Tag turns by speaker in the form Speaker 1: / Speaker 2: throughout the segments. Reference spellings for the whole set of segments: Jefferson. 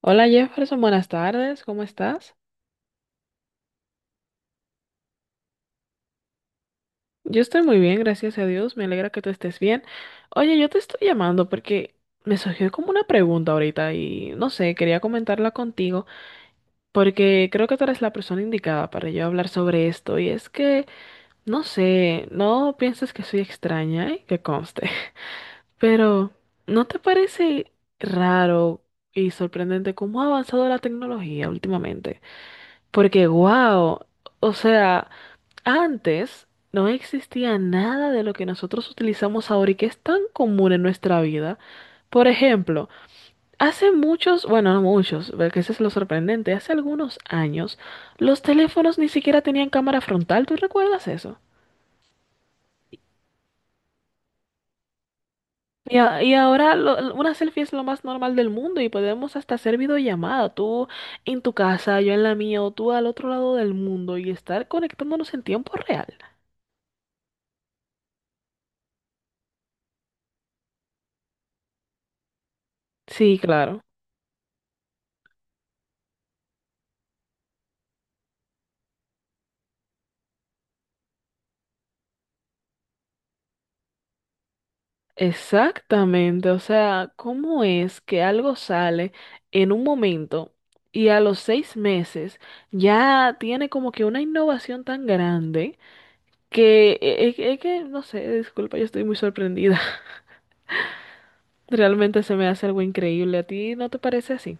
Speaker 1: Hola Jefferson, buenas tardes, ¿cómo estás? Yo estoy muy bien, gracias a Dios, me alegra que tú estés bien. Oye, yo te estoy llamando porque me surgió como una pregunta ahorita y no sé, quería comentarla contigo porque creo que tú eres la persona indicada para yo hablar sobre esto y es que, no sé, no pienses que soy extraña, ¿eh? Que conste, pero ¿no te parece raro y sorprendente cómo ha avanzado la tecnología últimamente? Porque, wow, o sea... Antes no existía nada de lo que nosotros utilizamos ahora y que es tan común en nuestra vida. Por ejemplo, hace muchos, bueno, no muchos, porque eso es lo sorprendente, hace algunos años los teléfonos ni siquiera tenían cámara frontal, ¿tú recuerdas eso? Y ahora una selfie es lo más normal del mundo y podemos hasta hacer videollamada, tú en tu casa, yo en la mía o tú al otro lado del mundo y estar conectándonos en tiempo real. Sí, claro. Exactamente, o sea, ¿cómo es que algo sale en un momento y a los 6 meses ya tiene como que una innovación tan grande que es que, no sé, disculpa, yo estoy muy sorprendida. Realmente se me hace algo increíble. ¿A ti no te parece así?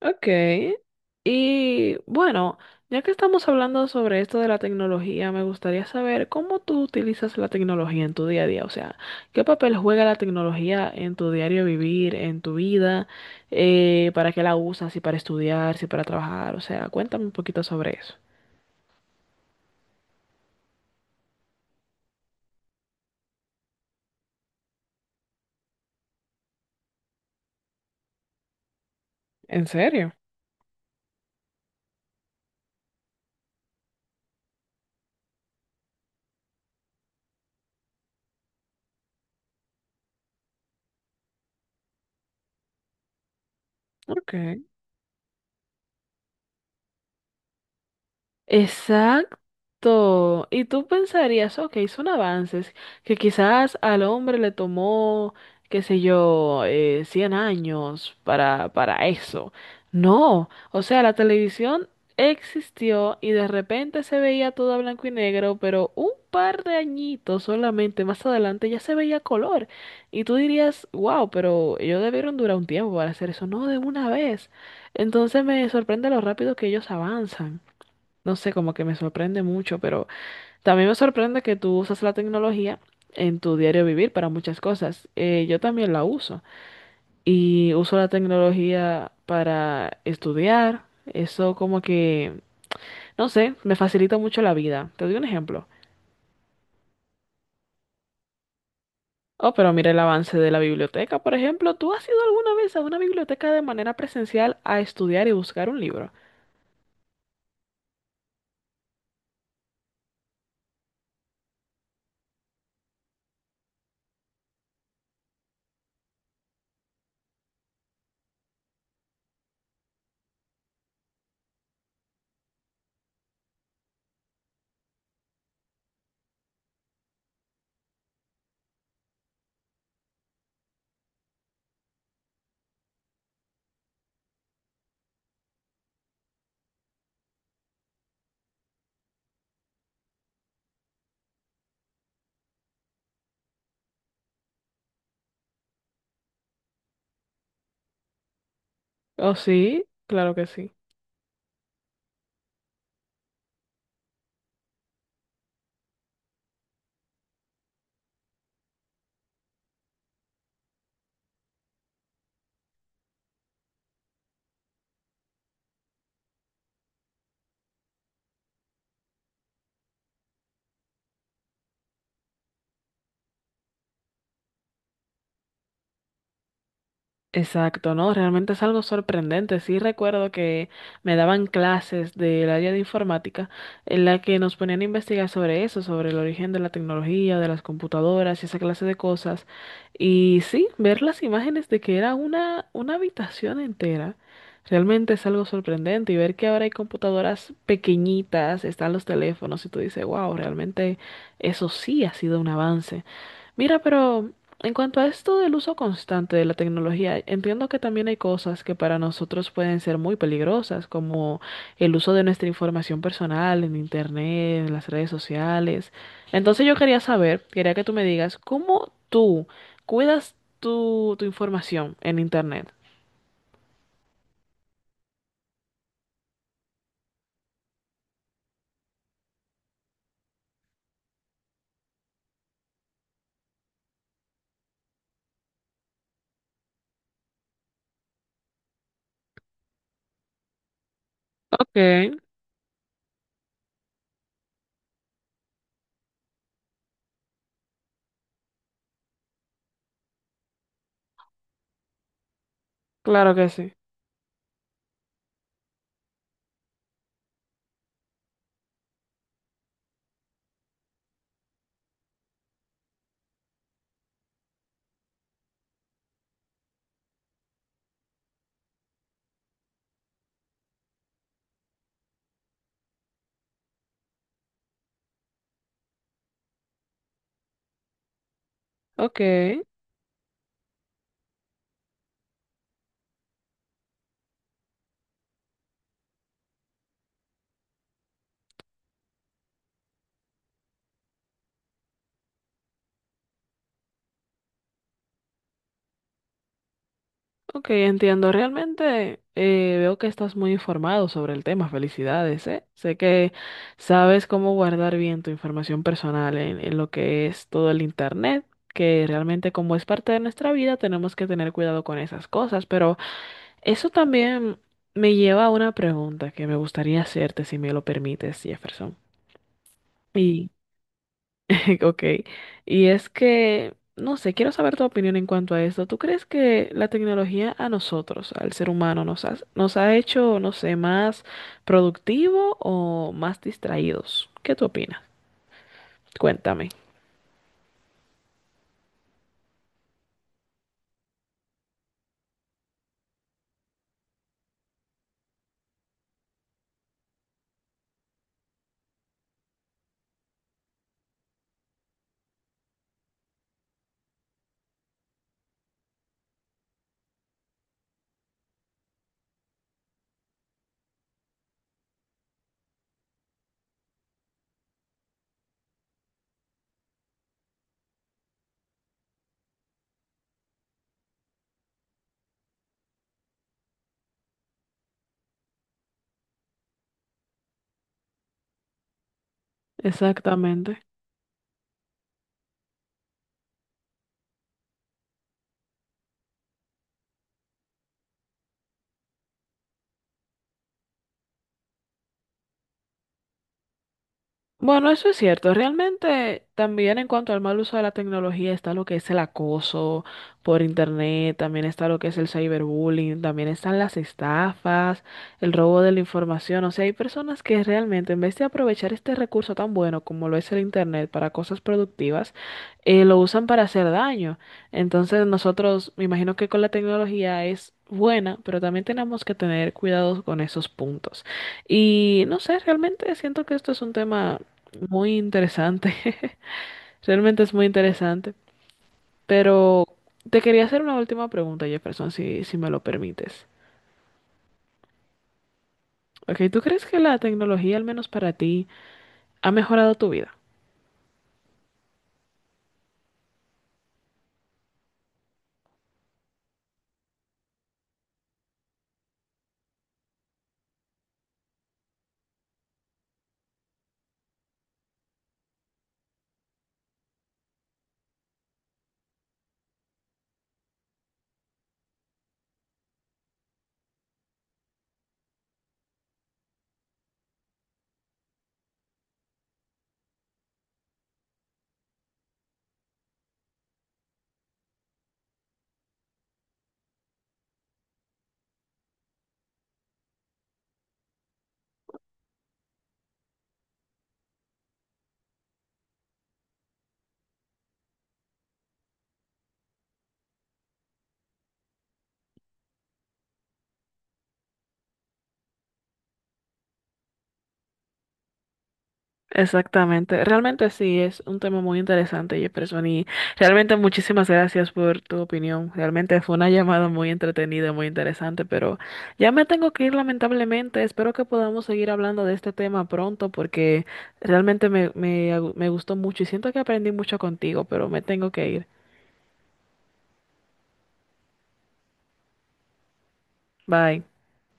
Speaker 1: Ok. Y bueno, ya que estamos hablando sobre esto de la tecnología, me gustaría saber cómo tú utilizas la tecnología en tu día a día. O sea, ¿qué papel juega la tecnología en tu diario vivir, en tu vida? ¿Para qué la usas? ¿Si para estudiar, si para trabajar? O sea, cuéntame un poquito sobre eso. ¿En serio? Ok. Exacto. Y tú pensarías, ok, son avances que quizás al hombre le tomó, qué sé yo, 100 años para eso. No, o sea, la televisión existió y de repente se veía todo a blanco y negro, pero un par de añitos solamente más adelante ya se veía color. Y tú dirías, wow, pero ellos debieron durar un tiempo para hacer eso, no de una vez. Entonces me sorprende lo rápido que ellos avanzan, no sé, como que me sorprende mucho, pero también me sorprende que tú usas la tecnología en tu diario vivir para muchas cosas. Yo también la uso y uso la tecnología para estudiar. Eso como que, no sé, me facilita mucho la vida. Te doy un ejemplo. Oh, pero mira el avance de la biblioteca, por ejemplo. ¿Tú has ido alguna vez a una biblioteca de manera presencial a estudiar y buscar un libro? Oh, sí, claro que sí. Exacto, ¿no? Realmente es algo sorprendente. Sí recuerdo que me daban clases del área de informática en la que nos ponían a investigar sobre eso, sobre el origen de la tecnología, de las computadoras y esa clase de cosas. Y sí, ver las imágenes de que era una habitación entera, realmente es algo sorprendente. Y ver que ahora hay computadoras pequeñitas, están los teléfonos y tú dices, wow, realmente eso sí ha sido un avance. Mira, pero en cuanto a esto del uso constante de la tecnología, entiendo que también hay cosas que para nosotros pueden ser muy peligrosas, como el uso de nuestra información personal en Internet, en las redes sociales. Entonces yo quería saber, quería que tú me digas, ¿cómo tú cuidas tu información en Internet? Ok, claro que sí. Ok. Ok, entiendo. Realmente veo que estás muy informado sobre el tema. Felicidades, ¿eh? Sé que sabes cómo guardar bien tu información personal en lo que es todo el internet, que realmente como es parte de nuestra vida tenemos que tener cuidado con esas cosas. Pero eso también me lleva a una pregunta que me gustaría hacerte, si me lo permites, Jefferson. Y Ok, y es que, no sé, quiero saber tu opinión en cuanto a esto. ¿Tú crees que la tecnología a nosotros, al ser humano, nos ha hecho, no sé, más productivo o más distraídos? ¿Qué tú opinas? Cuéntame. Exactamente. Bueno, eso es cierto. Realmente también en cuanto al mal uso de la tecnología está lo que es el acoso por internet, también está lo que es el cyberbullying, también están las estafas, el robo de la información. O sea, hay personas que realmente en vez de aprovechar este recurso tan bueno como lo es el internet para cosas productivas, lo usan para hacer daño. Entonces nosotros, me imagino que con la tecnología es... buena, pero también tenemos que tener cuidado con esos puntos. Y no sé, realmente siento que esto es un tema muy interesante. Realmente es muy interesante. Pero te quería hacer una última pregunta, Jefferson, si me lo permites. Ok, ¿tú crees que la tecnología, al menos para ti, ha mejorado tu vida? Exactamente, realmente sí, es un tema muy interesante, Jefferson, y realmente muchísimas gracias por tu opinión. Realmente fue una llamada muy entretenida, muy interesante, pero ya me tengo que ir lamentablemente. Espero que podamos seguir hablando de este tema pronto porque realmente me gustó mucho y siento que aprendí mucho contigo, pero me tengo que ir. Bye.